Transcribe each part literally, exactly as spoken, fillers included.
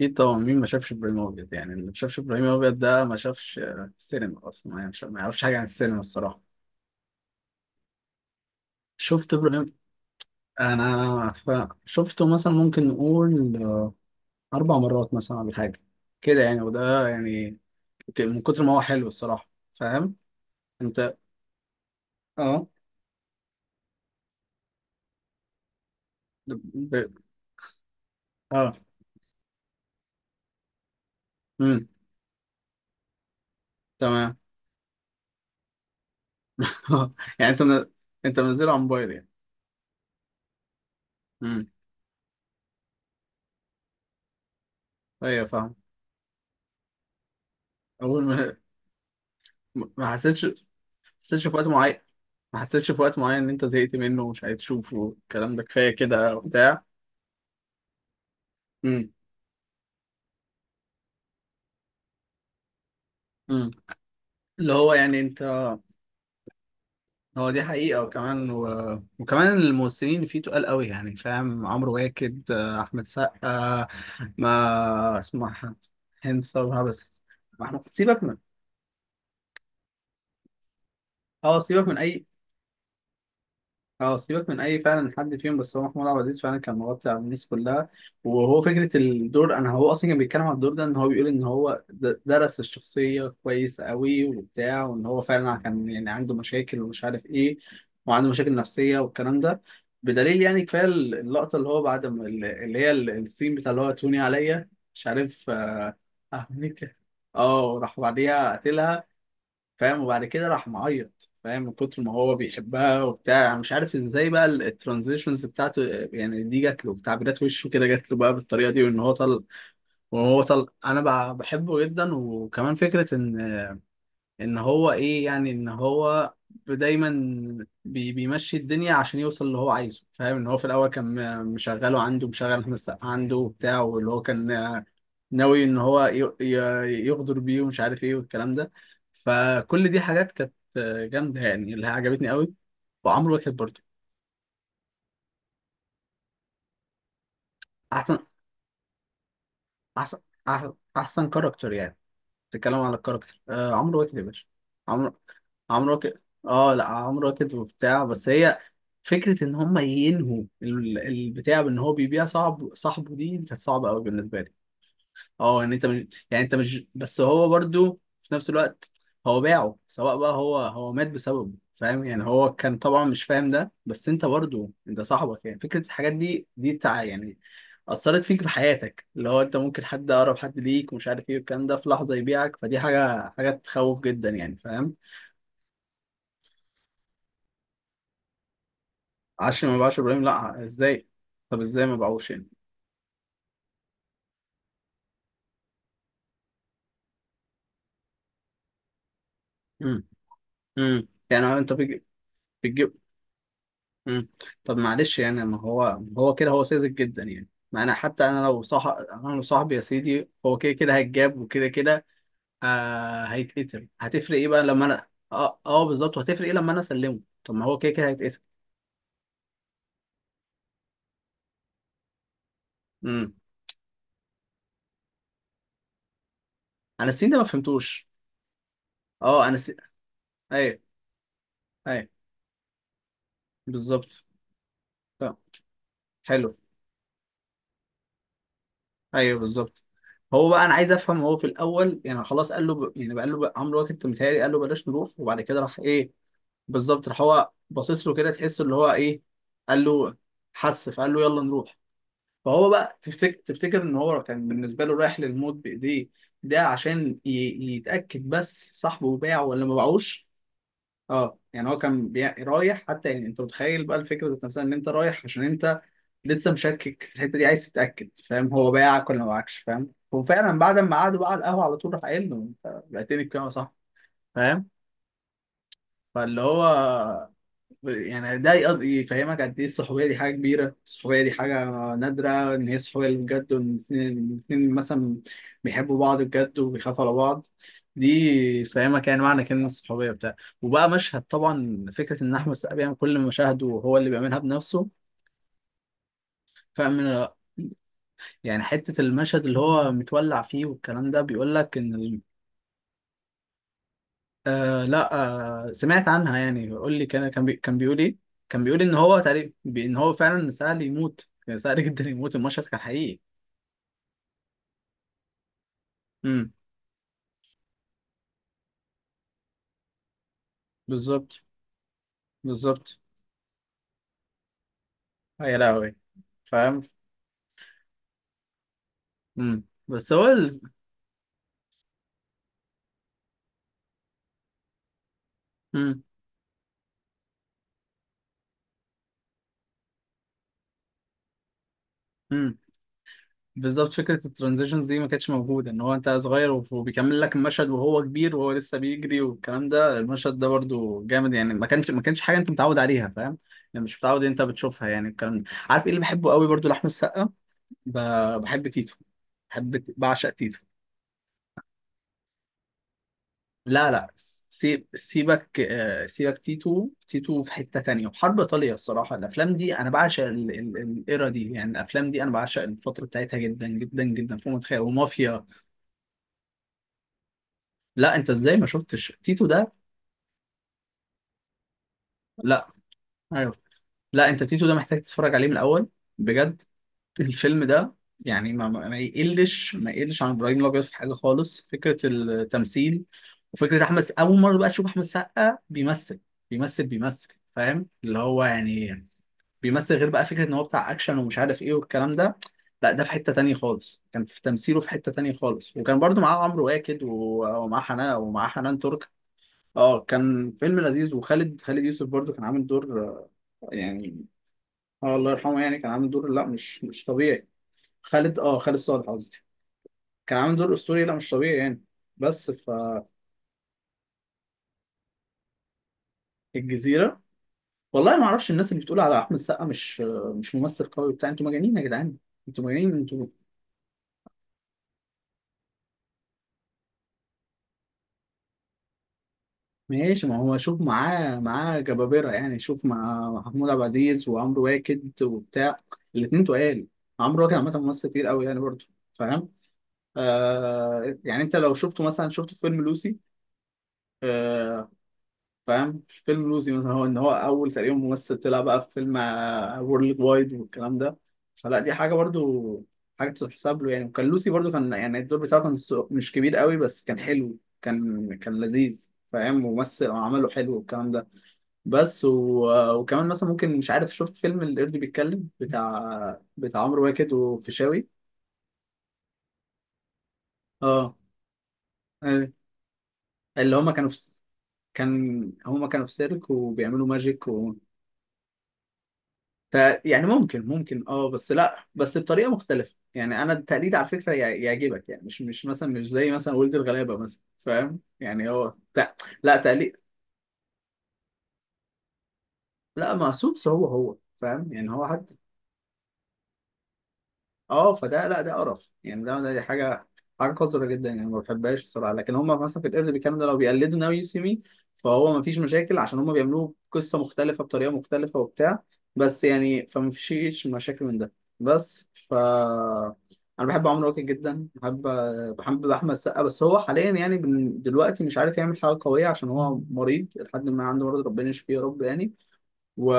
اكيد طبعا، مين ما شافش ابراهيم الابيض؟ يعني اللي ما شافش ابراهيم الابيض ده ما شافش آه، السينما، اصلا ما يعرفش ما يعرفش حاجه عن السينما الصراحه. شفت ابراهيم؟ انا ف- شفته مثلا، ممكن نقول آه، اربع مرات مثلا ولا حاجه كده يعني. وده يعني ك- من كتر ما هو حلو الصراحه. فاهم. انت. اه. ب... اه. امم. تمام. يعني انت من... انت منزله على موبايل يعني. امم. ايوه فاهم. اول ما ما حسيتش ما حسيتش في وقت معين ما حسيتش في وقت معين ان انت زهقت منه ومش عايز تشوفه، الكلام ده كفايه كده وبتاع. امم. امم. اللي هو يعني انت. هو دي حقيقه، وكمان و... وكمان الممثلين اللي فيه تقال قوي يعني، فاهم، عمرو واكد آه، احمد سقا. ما اسمها؟ هند صبري بس. ما احنا سيبك من... اه سيبك من اي اه سيبك من اي فعلا، حد فيهم بس هو محمود عبد العزيز فعلا كان مغطي على الناس كلها. وهو فكره الدور، انا هو اصلا كان بيتكلم عن الدور ده، ان هو بيقول ان هو د- درس الشخصيه كويس قوي وبتاع، وان هو فعلا كان يعني عنده مشاكل ومش عارف ايه، وعنده مشاكل نفسيه والكلام ده. بدليل يعني كفايه اللقطه اللي هو بعد ما ال- اللي هي ال- السين بتاع اللي هو توني عليا، مش عارف آه، أهملك. اه، وراح بعديها قتلها. فاهم. وبعد كده راح معيط، فاهم، من كتر ما هو بيحبها وبتاع يعني. مش عارف ازاي بقى ال- الترانزيشنز بتاعته يعني، دي جات له تعبيرات وشه كده، جات له بقى بالطريقه دي، وان هو طل. وهو طل انا بع- بحبه جدا. وكمان فكره ان ان هو ايه يعني ان هو دايما بي بيمشي الدنيا عشان يوصل اللي هو عايزه، فاهم، ان هو في الاول كان م- مشغله عنده، مشغل احمد السقا عنده وبتاع، واللي هو كان ناوي ان هو ي- ي- يغدر بيه ومش عارف ايه والكلام ده. فكل دي حاجات كانت جامده يعني، اللي هي عجبتني قوي. وعمرو واكد برضه. احسن. احسن. احسن احسن كاركتر يعني؟ بتتكلم على الكاركتر، آه، عمرو واكد يا باشا. عمرو عمرو واكد. اه لا، عمرو واكد وبتاع بس هي، فكره ان هم ينهوا ال- البتاع، بان هو بيبيع صاحب صاحبه، دي كانت صعبه قوي بالنسبه لي. اه يعني انت مش يعني انت مش، بس هو برضو في نفس الوقت هو باعه. سواء بقى هو هو مات بسببه، فاهم. يعني هو كان طبعا مش فاهم ده، بس انت برضو انت صاحبك. يعني فكرة الحاجات دي دي تع يعني أثرت فيك في حياتك، اللي هو انت ممكن حد، أقرب حد ليك ومش عارف ايه والكلام ده، في لحظة يبيعك. فدي حاجة حاجة تخوف جدا يعني، فاهم. عشري ما باعش إبراهيم؟ لا، ازاي؟ طب ازاي ما باعوش يعني؟ امم. امم. يعني انت بتجيب. مم. طب معلش يعني، ما هو هو كده هو ساذج جدا يعني. ما انا حتى انا لو صح انا لو صاحبي يا سيدي، هو كده كده هيتجاب، وكده كده آه هيتقتل، هتفرق ايه بقى لما انا... اه، آه بالظبط، وهتفرق ايه لما انا اسلمه؟ طب ما هو كده كده هيتقتل. امم. انا السين ده ما فهمتوش. اه، انا سي... ايوه. ايوه بالظبط. طب، حلو. ايوه بالظبط. هو بقى انا عايز افهم، هو في الاول يعني خلاص قال له ب... يعني بقى، قال له بقى عمرو واكد متهيألي قال له بلاش نروح، وبعد كده راح ايه؟ بالظبط. راح هو باصص له كده، تحس اللي هو ايه. قال له... حس فقال له يلا نروح. فهو بقى، تفتكر تفتكر ان هو كان بالنسبه له رايح للموت بايديه، ده عشان ي... يتاكد بس، صاحبه باعه ولا ما باعوش؟ اه يعني هو كان بي... رايح حتى، يعني انت متخيل بقى الفكره ذات نفسها، ان انت رايح عشان انت لسه مشكك في الحته دي، عايز تتاكد، فاهم، هو باعك ولا ما باعكش. فاهم. وفعلا بعد ما قعدوا بقى على القهوه، على طول راح قايل له: انت بعتني بكام يا صاحبي؟ فاهم. فاللي هو يعني، ده يقض- يفهمك قد ايه الصحوبيه دي حاجه كبيره. الصحوبيه دي حاجه نادره، ان هي صحوبيه اللي بجد، وان الاتنين الاتنين مثلا بيحبوا بعض بجد وبيخافوا على بعض. دي تفهمك يعني معنى كلمه الصحوبيه بتاع. وبقى مشهد، طبعا فكره ان احمد السقا بيعمل كل مشاهده وهو اللي بيعملها بنفسه، فاهم. يعني حتة المشهد اللي هو متولع فيه والكلام ده، بيقول لك إن... آه، لا. آه، سمعت عنها يعني. قول لي، كان كان بي كان بيقول ايه؟ كان بيقول ان هو تقريبا بي- ان هو فعلا سهل يموت، كان سهل جدا يموت، المشهد كان حقيقي. امم. بالظبط. بالظبط. آه، يا لهوي. فاهم. امم بس هو ال... امم. امم. بالظبط. فكرة الترانزيشنز دي ما كانتش موجودة، ان هو انت صغير وف- وبيكمل لك المشهد وهو كبير، وهو لسه بيجري والكلام ده. المشهد ده برضو جامد يعني، ما كانش ما كانش حاجة انت متعود عليها، فاهم. يعني مش متعود انت بتشوفها يعني، الكلام ده. عارف ايه اللي بحبه قوي برضو لأحمد السقا؟ ب- بحب تيتو. بحب بعشق تيتو. لا لا، سيب سيبك آه، سيبك تيتو. تيتو في حتة تانية، وحرب إيطاليا. الصراحة الأفلام دي أنا بعشق ال- ال- الإيرا دي يعني. الأفلام دي أنا بعشق الفترة بتاعتها جدا جدا جدا، فوق ما تتخيل، ومافيا. لا أنت إزاي ما شفتش تيتو ده؟ لا. أيوه. لا أنت، تيتو ده محتاج تتفرج عليه من الأول، بجد. الفيلم ده يعني ما ما ما يقلش ما يقلش عن ابراهيم الابيض في حاجه خالص، فكره التمثيل. وفكره احمد، اول مره بقى اشوف احمد سقا بيمثل بيمثل بيمثل، فاهم اللي هو يعني، بيمثل غير بقى، فكره ان هو بتاع اكشن ومش عارف ايه والكلام ده. لا، ده في حته تانية خالص، كان في تمثيله في حته تانية خالص. وكان برضو معاه عمرو واكد و- ومعاه حنان ومعاه حنان ترك. اه، كان فيلم لذيذ. وخالد خالد يوسف برضو كان عامل دور آه، يعني. اه، الله يرحمه يعني، كان عامل دور، لا مش، مش طبيعي. خالد اه خالد صالح قصدي. كان عامل دور اسطوري، لا مش طبيعي يعني. بس. فالجزيره. والله ما اعرفش، الناس اللي بتقول على احمد السقا مش مش ممثل قوي بتاع، انتوا مجانين يا جدعان. انتوا مجانين، انتوا... ماشي، ما هو شوف، معاه معاه جبابره يعني، شوف مع محمود عبد العزيز وعمرو واكد وبتاع، الاثنين تقال. عمرو واكد عامه ممثل كتير قوي يعني برضه، فاهم. آه يعني انت لو شفته مثلا، شفت في فيلم لوسي آه، فاهم؟ مش فيلم لوسي مثلا، هو ان هو اول تقريبا ممثل طلع بقى في فيلم وورلد وايد والكلام ده. فلا، دي حاجه برضو، حاجه تتحسب له يعني. وكان لوسي برضو، كان يعني الدور بتاعه كان سو- مش كبير قوي، بس كان حلو، كان كان لذيذ، فاهم، ممثل وعمله حلو والكلام ده. بس و... وكمان مثلا، ممكن مش عارف، شفت فيلم القرد بيتكلم بتاع بتاع عمرو واكد وفيشاوي؟ اه، أيوة. اللي هما كانوا في كان هما كانوا في سيرك وبيعملوا ماجيك. ت- يعني ممكن، ممكن اه، بس لا، بس بطريقه مختلفه يعني. انا التقليد على فكره يع- يعجبك يعني، مش مش مثلا مش زي مثلا ولد الغلابه مثلا، فاهم يعني، هو لا. لا، تقليد. لا، ما سوتس هو، هو فاهم يعني هو حد. اه، فده لا، ده قرف يعني، ده ده حاجه حاجه قذره جدا يعني، ما بحبهاش الصراحه. لكن هم مثلا في القرد بيتكلموا ده، لو بيقلدوا ناوي سيمي فهو ما فيش مشاكل، عشان هم بيعملوه قصه مختلفه بطريقه مختلفه وبتاع. بس يعني فما فيش مشاكل من ده. بس ف انا بحب عمرو واكد جدا، بحب. بحب احمد السقا بس هو حاليا يعني، بن- دلوقتي مش عارف يعمل حاجه قويه، عشان هو مريض لحد ما عنده مرض، ربنا يشفيه يا رب يعني. و...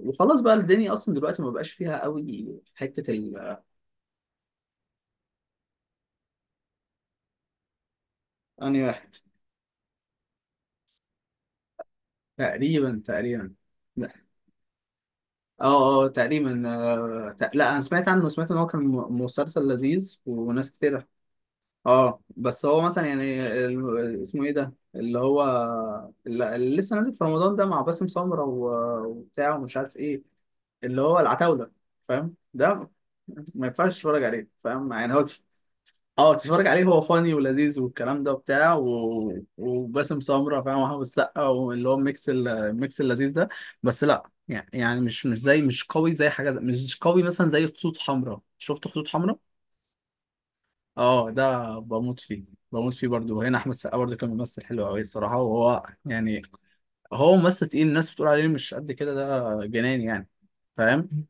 وخلاص بقى الدنيا اصلا دلوقتي ما بقاش فيها قوي حته. أنهي واحد؟ تقريبا. تقريبا. لا. اه، اه تقريبا، آه، تق- لا، انا سمعت عنه، سمعت ان هو كان م- مسلسل لذيذ وناس كتير. اه، بس هو مثلا يعني ال- اسمه ايه ده اللي هو، اللي اللي لسه نازل في رمضان ده مع باسم سمرة و- وبتاع ومش عارف ايه، اللي هو العتاولة، فاهم ده. ما ينفعش تتفرج عليه، فاهم يعني هو. اه، تتفرج عليه هو فاني ولذيذ والكلام ده وبتاع، و... وباسم سمرة، فاهم، وحافظ السقا، واللي هو الميكس، ال- الميكس اللذيذ ده. بس لا يعني، يعني مش، مش زي مش قوي زي حاجة، مش قوي مثلا زي خطوط حمراء. شفت خطوط حمراء؟ اه، ده بموت فيه. بموت فيه برضه. وهنا احمد السقا برضه كان ممثل حلو قوي الصراحة. وهو يعني، هو ممثل تقيل، الناس بتقول عليه مش قد كده، ده جنان يعني. فاهم؟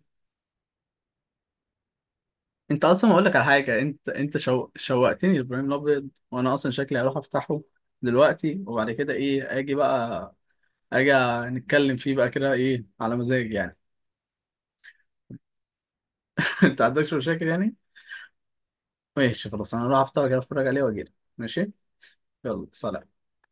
انت اصلا اقول لك على حاجه، انت انت شو... شوقتني لابراهيم الابيض، وانا اصلا شكلي هروح افتحه دلوقتي، وبعد كده ايه، اجي بقى اجي نتكلم فيه بقى كده، ايه على مزاج يعني. انت عندكش مشاكل يعني؟ ماشي، خلاص انا هروح افتحه كده، اتفرج عليه واجي، ماشي، يلا سلام.